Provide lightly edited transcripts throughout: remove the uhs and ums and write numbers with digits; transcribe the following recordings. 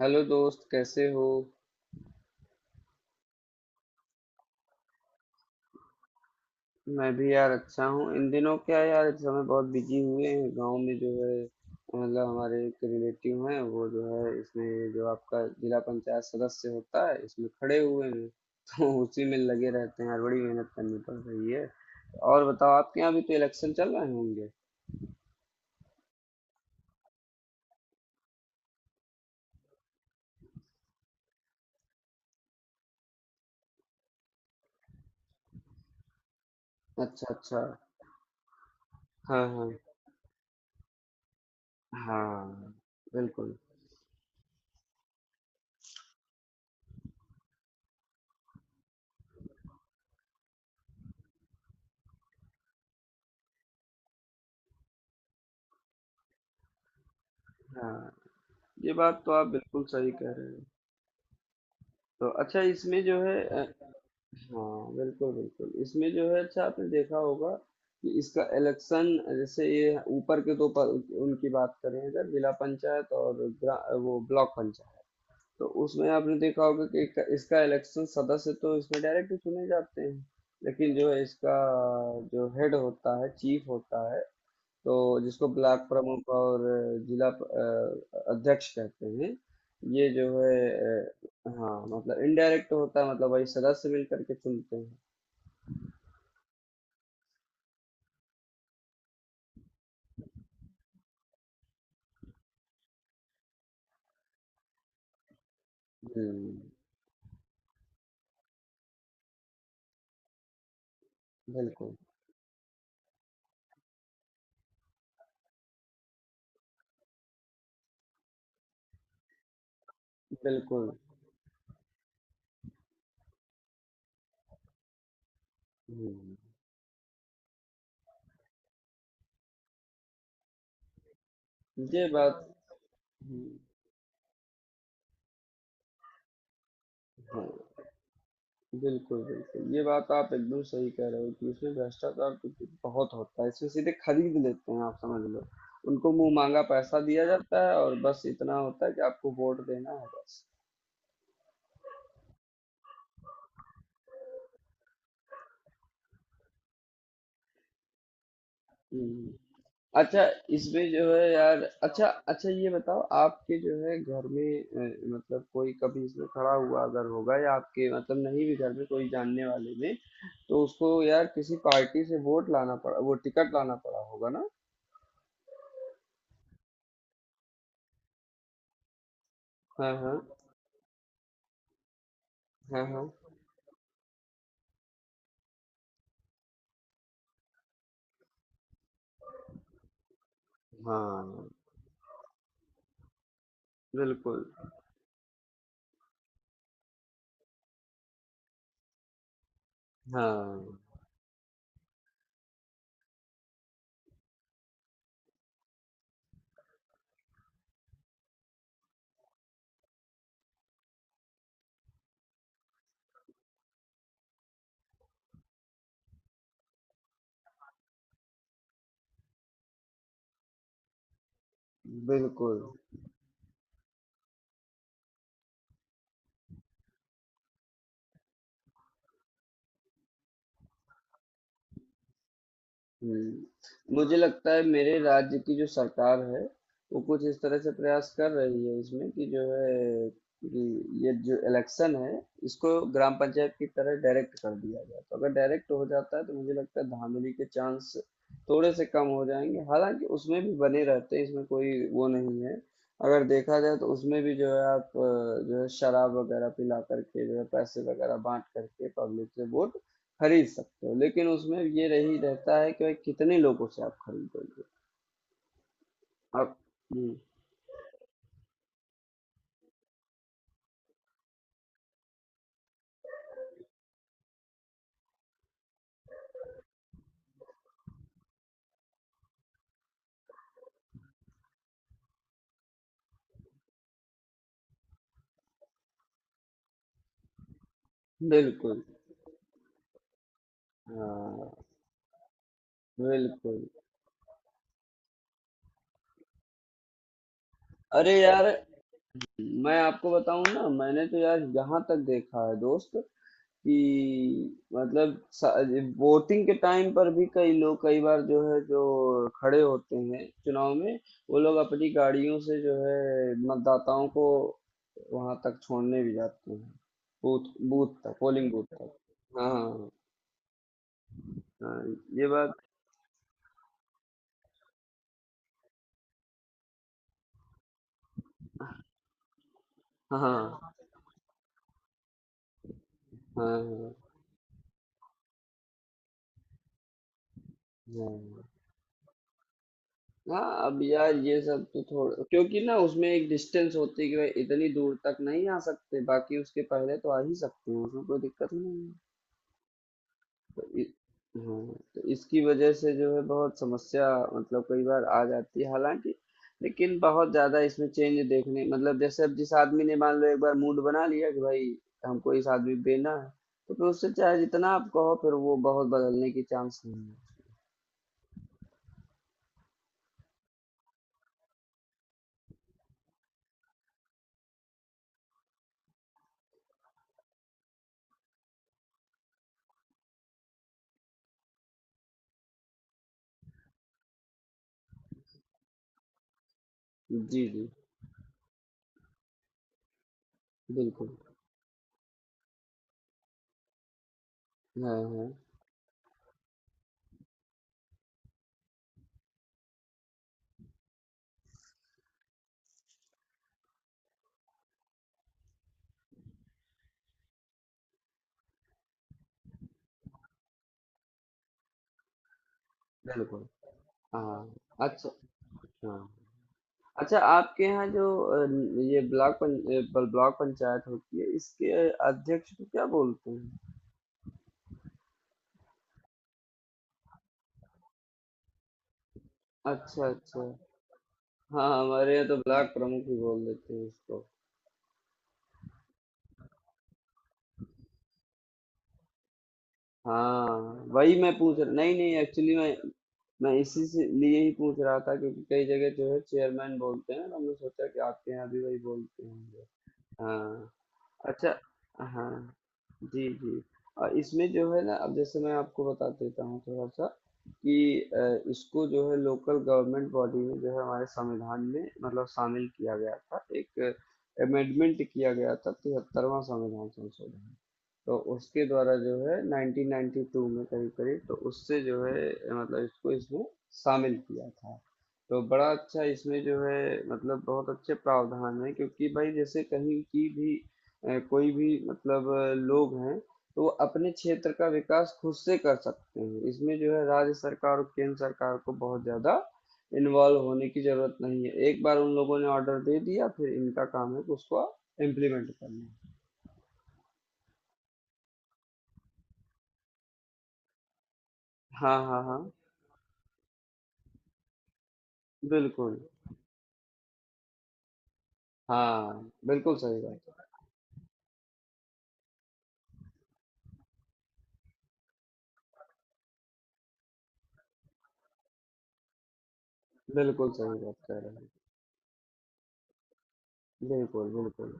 Hello दोस्त कैसे हो। मैं भी यार अच्छा हूँ इन दिनों। क्या यार इस समय बहुत बिजी हुए हैं गांव में जो है मतलब हमारे एक रिलेटिव हैं वो जो है इसमें जो आपका जिला पंचायत सदस्य होता है इसमें खड़े हुए हैं तो उसी में लगे रहते हैं यार। बड़ी मेहनत करनी पड़ रही है। और बताओ आपके यहाँ भी तो इलेक्शन चल रहे होंगे। अच्छा अच्छा। हाँ हाँ। हाँ। बिल्कुल। हाँ। ये बात तो आप बिल्कुल सही कह रहे हो। तो अच्छा इसमें जो है हाँ बिल्कुल बिल्कुल, इसमें जो है अच्छा आपने देखा होगा कि इसका इलेक्शन, जैसे ये ऊपर के दो उनकी बात करें अगर जिला पंचायत और वो ब्लॉक पंचायत, तो उसमें आपने देखा होगा कि इसका इसका इलेक्शन सदस्य तो इसमें डायरेक्ट चुने जाते हैं, लेकिन जो है इसका जो हेड होता है चीफ होता है, तो जिसको ब्लॉक प्रमुख और जिला प- अध्यक्ष कहते हैं, ये जो है हाँ मतलब इनडायरेक्ट होता है, मतलब वही सदस्य मिलकर के चुनते हैं। हुँ, बिल्कुल, बिल्कुल। हुँ, ये बात। हुँ, हाँ, बिल्कुल, बिल्कुल। ये बात आप एकदम सही कह रहे हो कि इसमें भ्रष्टाचार तो ब बहुत होता है, इसमें सीधे खरीद लेते हैं आप समझ लो। उनको मुँह माँगा पैसा दिया जाता है और बस इतना होता है कि आपको वोट देना है बस। हुँ। अच्छा इसमें जो है यार, अच्छा अच्छा, ये बताओ आपके जो है घर में मतलब कोई कभी इसमें खड़ा हुआ अगर होगा या आपके मतलब नहीं भी घर में कोई जानने वाले में, तो उसको यार किसी पार्टी से वोट लाना पड़ा वो टिकट लाना पड़ा होगा ना। हाँ हाँ। हाँ हाँ। हाँ। बिल्कुल। हाँ। बिल्कुल। हम्म, मुझे लगता है मेरे राज्य की जो सरकार है वो कुछ इस तरह से प्रयास कर रही है इसमें कि जो है कि ये जो इलेक्शन है, इसको ग्राम पंचायत की तरह डायरेक्ट कर दिया जाए, तो अगर डायरेक्ट हो जाता है तो मुझे लगता है धांधली के चांस थोड़े से कम हो जाएंगे, हालांकि उसमें भी बने रहते हैं, इसमें कोई वो नहीं है। अगर देखा जाए तो उसमें भी जो है आप जो है शराब वगैरह पिला करके जो है पैसे वगैरह बांट करके पब्लिक से वोट खरीद सकते हो, लेकिन उसमें ये रही रहता है कि भाई कितने लोगों से आप खरीदोगे आप। हम्म, बिल्कुल। हाँ बिल्कुल। अरे यार, मैं आपको बताऊं ना, मैंने तो यार यहाँ तक देखा है दोस्त कि मतलब वोटिंग के टाइम पर भी कई लोग कई बार जो है जो खड़े होते हैं चुनाव में, वो लोग अपनी गाड़ियों से जो है मतदाताओं को वहां तक छोड़ने भी जाते हैं, बूथ बूथ तक, पोलिंग बूथ तक। हाँ हाँ हाँ, हाँ, ये बात। हाँ हाँ। हाँ हाँ। हाँ अब यार ये सब तो थोड़ा क्योंकि ना उसमें एक डिस्टेंस होती है कि भाई इतनी दूर तक नहीं आ सकते, बाकी उसके पहले तो आ ही सकते हैं, उसमें कोई दिक्कत ही नहीं है। तो हाँ, तो इसकी वजह से जो है बहुत समस्या मतलब कई बार आ जाती है, हालांकि लेकिन बहुत ज्यादा इसमें चेंज देखने मतलब, जैसे अब जिस आदमी ने मान लो एक बार मूड बना लिया कि भाई हमको इस आदमी पे देना है, तो फिर उससे चाहे जितना आप कहो फिर वो बहुत बदलने की चांस नहीं है। जी जी। बिल्कुल। हाँ हाँ। बिल्कुल। हाँ। अच्छा। हाँ। अच्छा आपके यहाँ जो अ, ये ब्लॉक पं, अ, ब- ब्लॉक पंचायत होती है, इसके अध्यक्ष को क्या बोलते हैं? अच्छा अच्छा। हाँ हमारे यहाँ तो ब्लॉक प्रमुख ही बोल देते हैं इसको। हाँ वही मैं पूछ रहा, नहीं नहीं एक्चुअली मैं इसी से लिए ही पूछ रहा था क्योंकि कई जगह जो है चेयरमैन बोलते हैं तो हमने सोचा कि आपके यहाँ भी वही बोलते होंगे। हाँ। अच्छा। हाँ, जी, जी। इसमें जो है ना, अब जैसे मैं आपको बता देता हूँ थोड़ा-सा कि अ, इसको जो है लोकल गवर्नमेंट बॉडी में जो है हमारे संविधान में मतलब शामिल किया गया था। एक अमेंडमेंट किया गया था, 73वां संविधान संशोधन। तो उसके द्वारा जो है 1992 में, करीब करीब, तो उससे जो है मतलब इसको इसमें शामिल किया था, तो बड़ा अच्छा इसमें जो है मतलब बहुत अच्छे प्रावधान है, क्योंकि भाई जैसे कहीं की भी कोई भी मतलब लोग हैं तो वो अपने क्षेत्र का विकास खुद से कर सकते हैं, इसमें जो है राज्य सरकार और केंद्र सरकार को बहुत ज़्यादा इन्वॉल्व होने की ज़रूरत नहीं है, एक बार उन लोगों ने ऑर्डर दे दिया फिर इनका काम है कि उसको इम्प्लीमेंट करना। हाँ हाँ हाँ। बिल्कुल। हाँ बिल्कुल सही बात है। बिल्कुल सही बात कह रहे हैं। बिल्कुल बिल्कुल।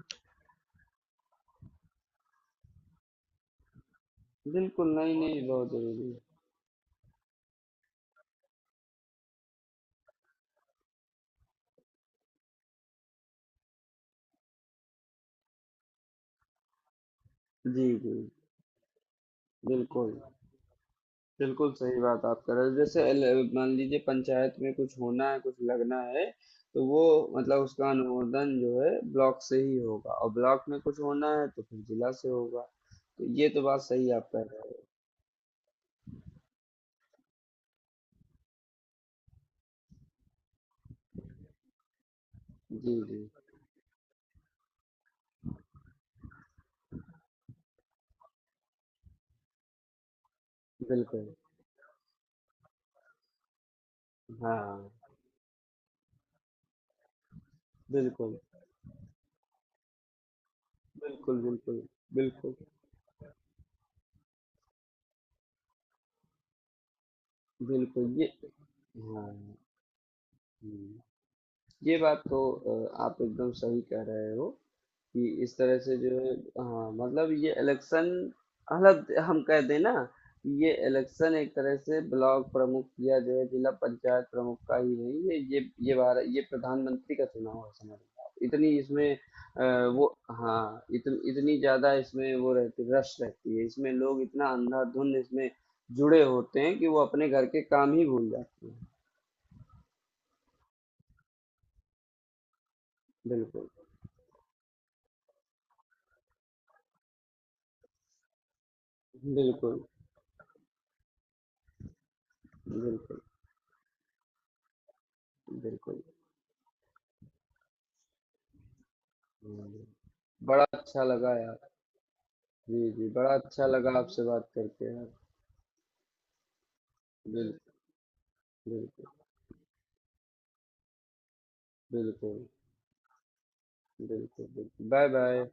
बिल्कुल नहीं नहीं बहुत जरूरी है। जी जी। बिल्कुल। बिल्कुल सही बात आप कह रहे हो, जैसे मान लीजिए पंचायत में कुछ होना है कुछ लगना है, तो वो मतलब उसका अनुमोदन जो है ब्लॉक से ही होगा और ब्लॉक में कुछ होना है तो फिर जिला से होगा। तो ये तो बात सही आप कह रहे हो। जी जी। बिल्कुल। हाँ। बिल्कुल। बिल्कुल। बिल्कुल। बिल्कुल। बिल्कुल ये। हाँ। हम्म। ये बात तो आप एकदम सही कह रहे हो कि इस तरह से जो है हाँ मतलब ये इलेक्शन मतलब हम कह दें ना कि ये इलेक्शन एक तरह से ब्लॉक प्रमुख या जो है जिला पंचायत प्रमुख का ही नहीं है, ये भारत ये प्रधानमंत्री का चुनाव है समझ लो आप। इतनी इसमें अ, वो हाँ इतनी ज्यादा इसमें वो रहती है, इसमें लोग इतना अंधाधुंध इसमें जुड़े होते हैं कि वो अपने घर के काम ही भूल जाते हैं। बिल्कुल बिल्कुल। बिल्कुल बिल्कुल। हुँ। बड़ा अच्छा लगा यार। जी, जी, बड़ा अच्छा लगा आपसे बात करके यार। बिल्कुल, बिल्कुल, बिल्कुल, बिल्कुल, बिल्कुल। बाय-बाय।